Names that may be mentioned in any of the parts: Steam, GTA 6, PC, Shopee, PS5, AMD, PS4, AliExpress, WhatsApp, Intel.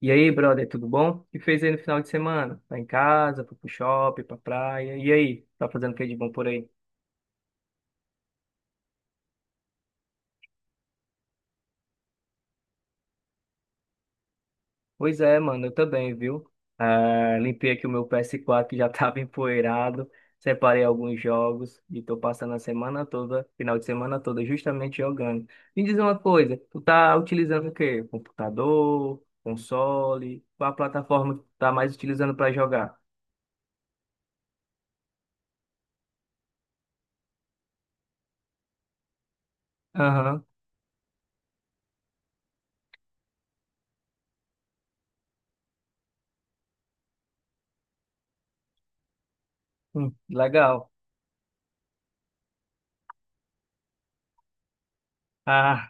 E aí, brother, tudo bom? O que fez aí no final de semana? Tá em casa, foi pro shopping, pra praia. E aí, tá fazendo o que de bom por aí? Pois é, mano, eu também, viu? Ah, limpei aqui o meu PS4 que já tava empoeirado, separei alguns jogos e tô passando a semana toda, final de semana toda, justamente jogando. Me diz uma coisa, tu tá utilizando o quê? Computador, console? Qual a plataforma que tu tá mais utilizando pra jogar? Aham. Hum, legal. Ah.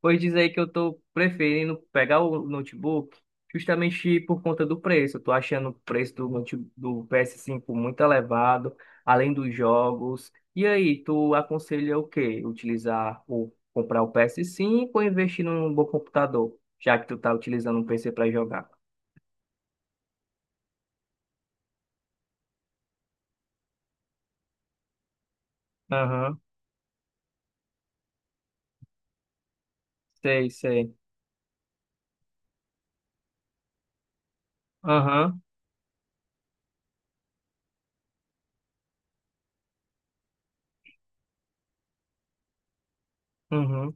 Pois diz aí que eu tô preferindo pegar o notebook justamente por conta do preço. Eu tô achando o preço do PS5 muito elevado, além dos jogos. E aí, tu aconselha o quê? Utilizar o comprar o PS5 ou investir num bom computador, já que tu tá utilizando um PC para jogar? Aham, sei, sei. Aham, uhum.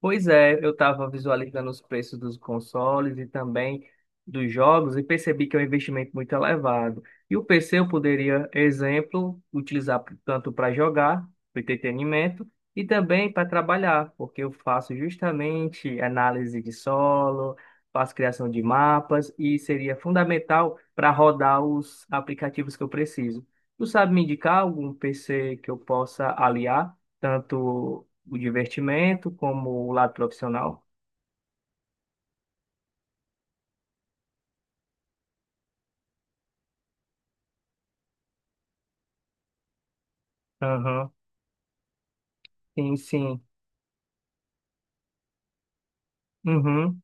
Pois é, eu estava visualizando os preços dos consoles e também dos jogos e percebi que é um investimento muito elevado. E o PC eu poderia, exemplo, utilizar tanto para jogar, para entretenimento, e também para trabalhar, porque eu faço justamente análise de solo, faço criação de mapas e seria fundamental para rodar os aplicativos que eu preciso. Tu sabe me indicar algum PC que eu possa aliar? Tanto o divertimento como o lado profissional. Aham, sim, sim. Uhum,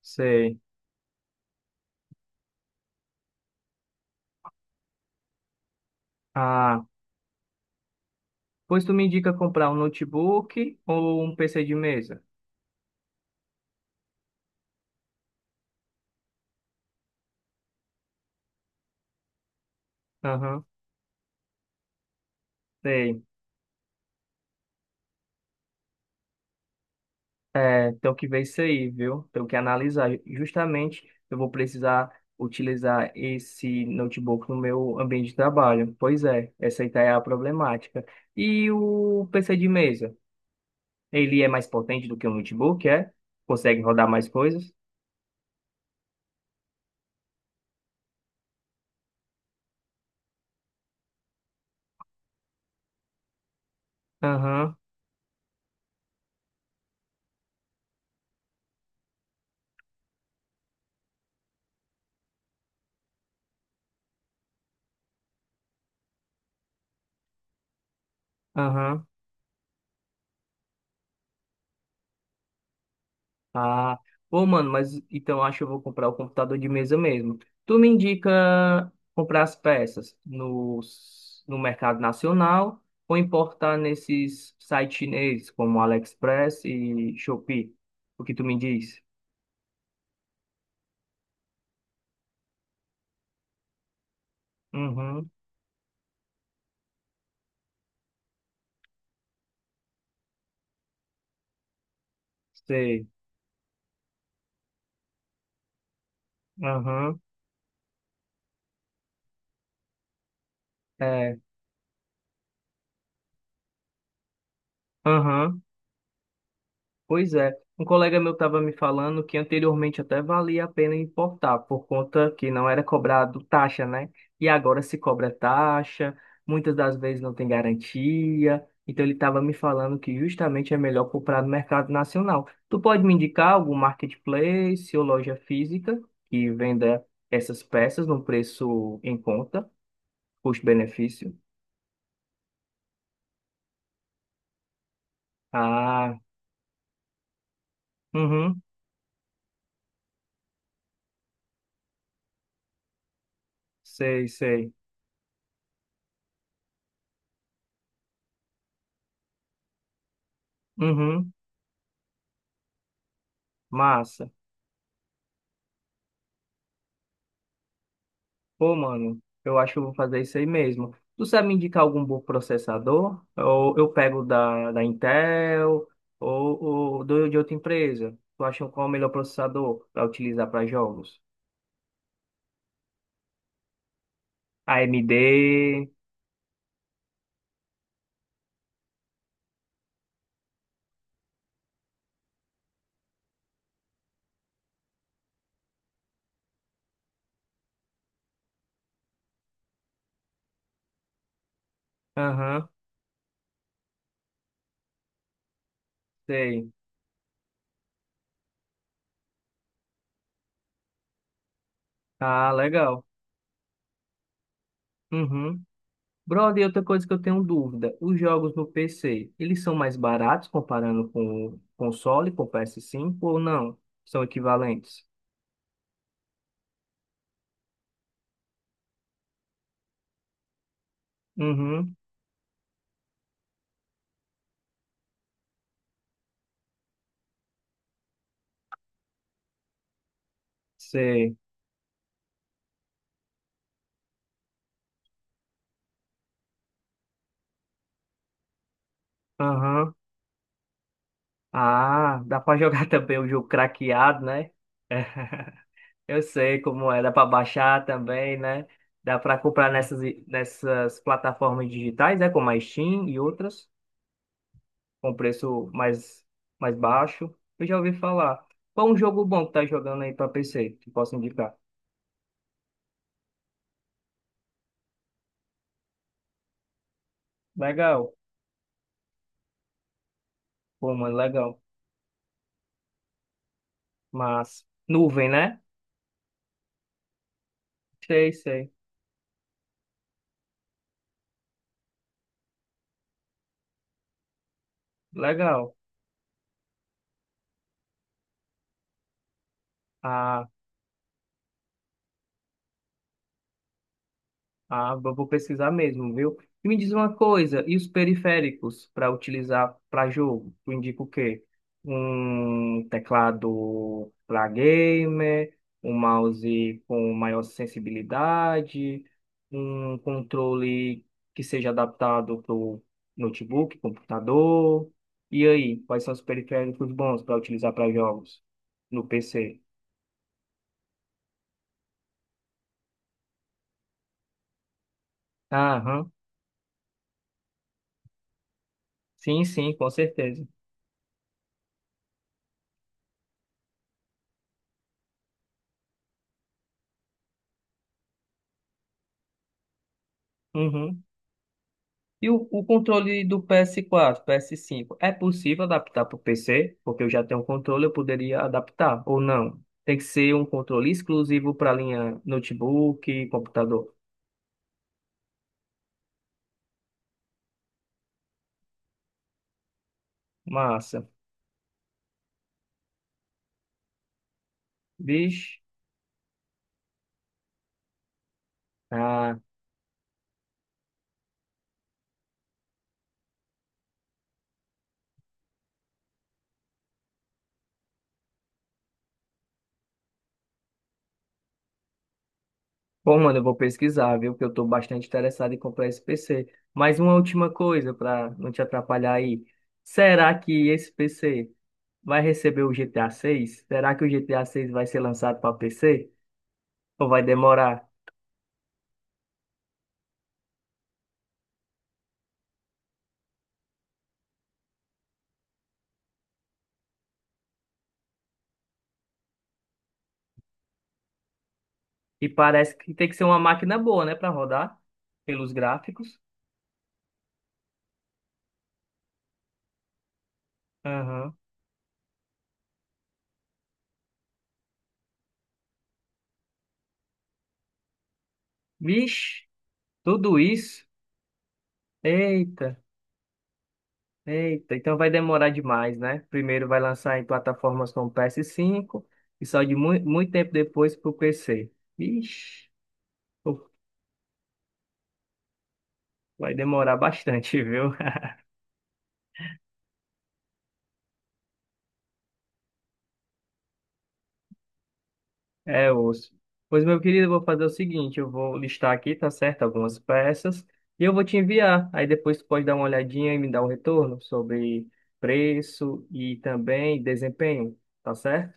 sei. Ah, pois tu me indica comprar um notebook ou um PC de mesa? Aham, sei. É, tenho que ver isso aí, viu? Tenho que analisar. Justamente, eu vou precisar utilizar esse notebook no meu ambiente de trabalho. Pois é, essa aí tá é a problemática. E o PC de mesa? Ele é mais potente do que o notebook, é? Consegue rodar mais coisas? Aham, aham. Ah, pô, mano, mas então eu acho que eu vou comprar o computador de mesa mesmo. Tu me indica comprar as peças no mercado nacional ou importar nesses sites chineses como AliExpress e Shopee? O que tu me diz? Uhum, sei. Aham, é. Aham. Pois é, um colega meu estava me falando que anteriormente até valia a pena importar, por conta que não era cobrado taxa, né? E agora se cobra taxa, muitas das vezes não tem garantia. Então ele estava me falando que justamente é melhor comprar no mercado nacional. Tu pode me indicar algum marketplace ou loja física que venda essas peças num preço em conta, custo-benefício? Ah, uhum, sei, sei. Uhum, massa. Pô, mano, eu acho que eu vou fazer isso aí mesmo. Tu sabe me indicar algum bom processador? Ou eu pego da Intel ou, ou de outra empresa? Tu acha qual é o melhor processador para utilizar para jogos? AMD? Aham, sei. Ah, legal. Uhum. Brother, e outra coisa que eu tenho dúvida: os jogos no PC, eles são mais baratos comparando com o console, com o PS5 ou não? São equivalentes? Uhum, sei. Aham. Ah, dá pra jogar também o jogo craqueado, né? Eu sei como é, dá pra baixar também, né? Dá pra comprar nessas plataformas digitais, né? Como a Steam e outras, com preço mais baixo. Eu já ouvi falar. Qual um jogo bom que tá jogando aí pra PC, que posso indicar? Legal. Pô, mano, legal. Mas, nuvem, né? Sei, sei. Legal. Ah. Ah, eu vou pesquisar mesmo, viu? E me diz uma coisa, e os periféricos para utilizar para jogo? Tu indica o quê? Um teclado para gamer, um mouse com maior sensibilidade, um controle que seja adaptado para o notebook, computador. E aí, quais são os periféricos bons para utilizar para jogos no PC? Aham, sim, sim, com certeza. Uhum. E o controle do PS4, PS5, é possível adaptar para o PC? Porque eu já tenho um controle, eu poderia adaptar, ou não? Tem que ser um controle exclusivo para a linha notebook, computador. Massa. Vixe. Ah, bom, mano, eu vou pesquisar, viu? Que eu estou bastante interessado em comprar esse PC. Mas uma última coisa, para não te atrapalhar aí. Será que esse PC vai receber o GTA 6? Será que o GTA 6 vai ser lançado para PC? Ou vai demorar? E parece que tem que ser uma máquina boa, né, para rodar pelos gráficos. Aham. Vixe, tudo isso? Eita, eita. Então vai demorar demais, né? Primeiro vai lançar em plataformas como PS5 e só de muito tempo depois para o PC. Vixe, uf, vai demorar bastante, viu? É, osso. Pois, meu querido, eu vou fazer o seguinte, eu vou listar aqui, tá certo, algumas peças, e eu vou te enviar. Aí depois tu pode dar uma olhadinha e me dar um retorno sobre preço e também desempenho, tá certo?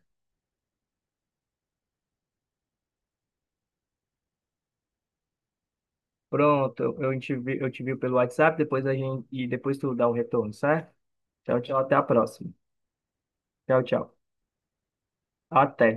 Pronto, eu te vi pelo WhatsApp, depois a gente, e depois tu dá um retorno, certo? Tchau, tchau, até a próxima. Tchau, tchau. Até.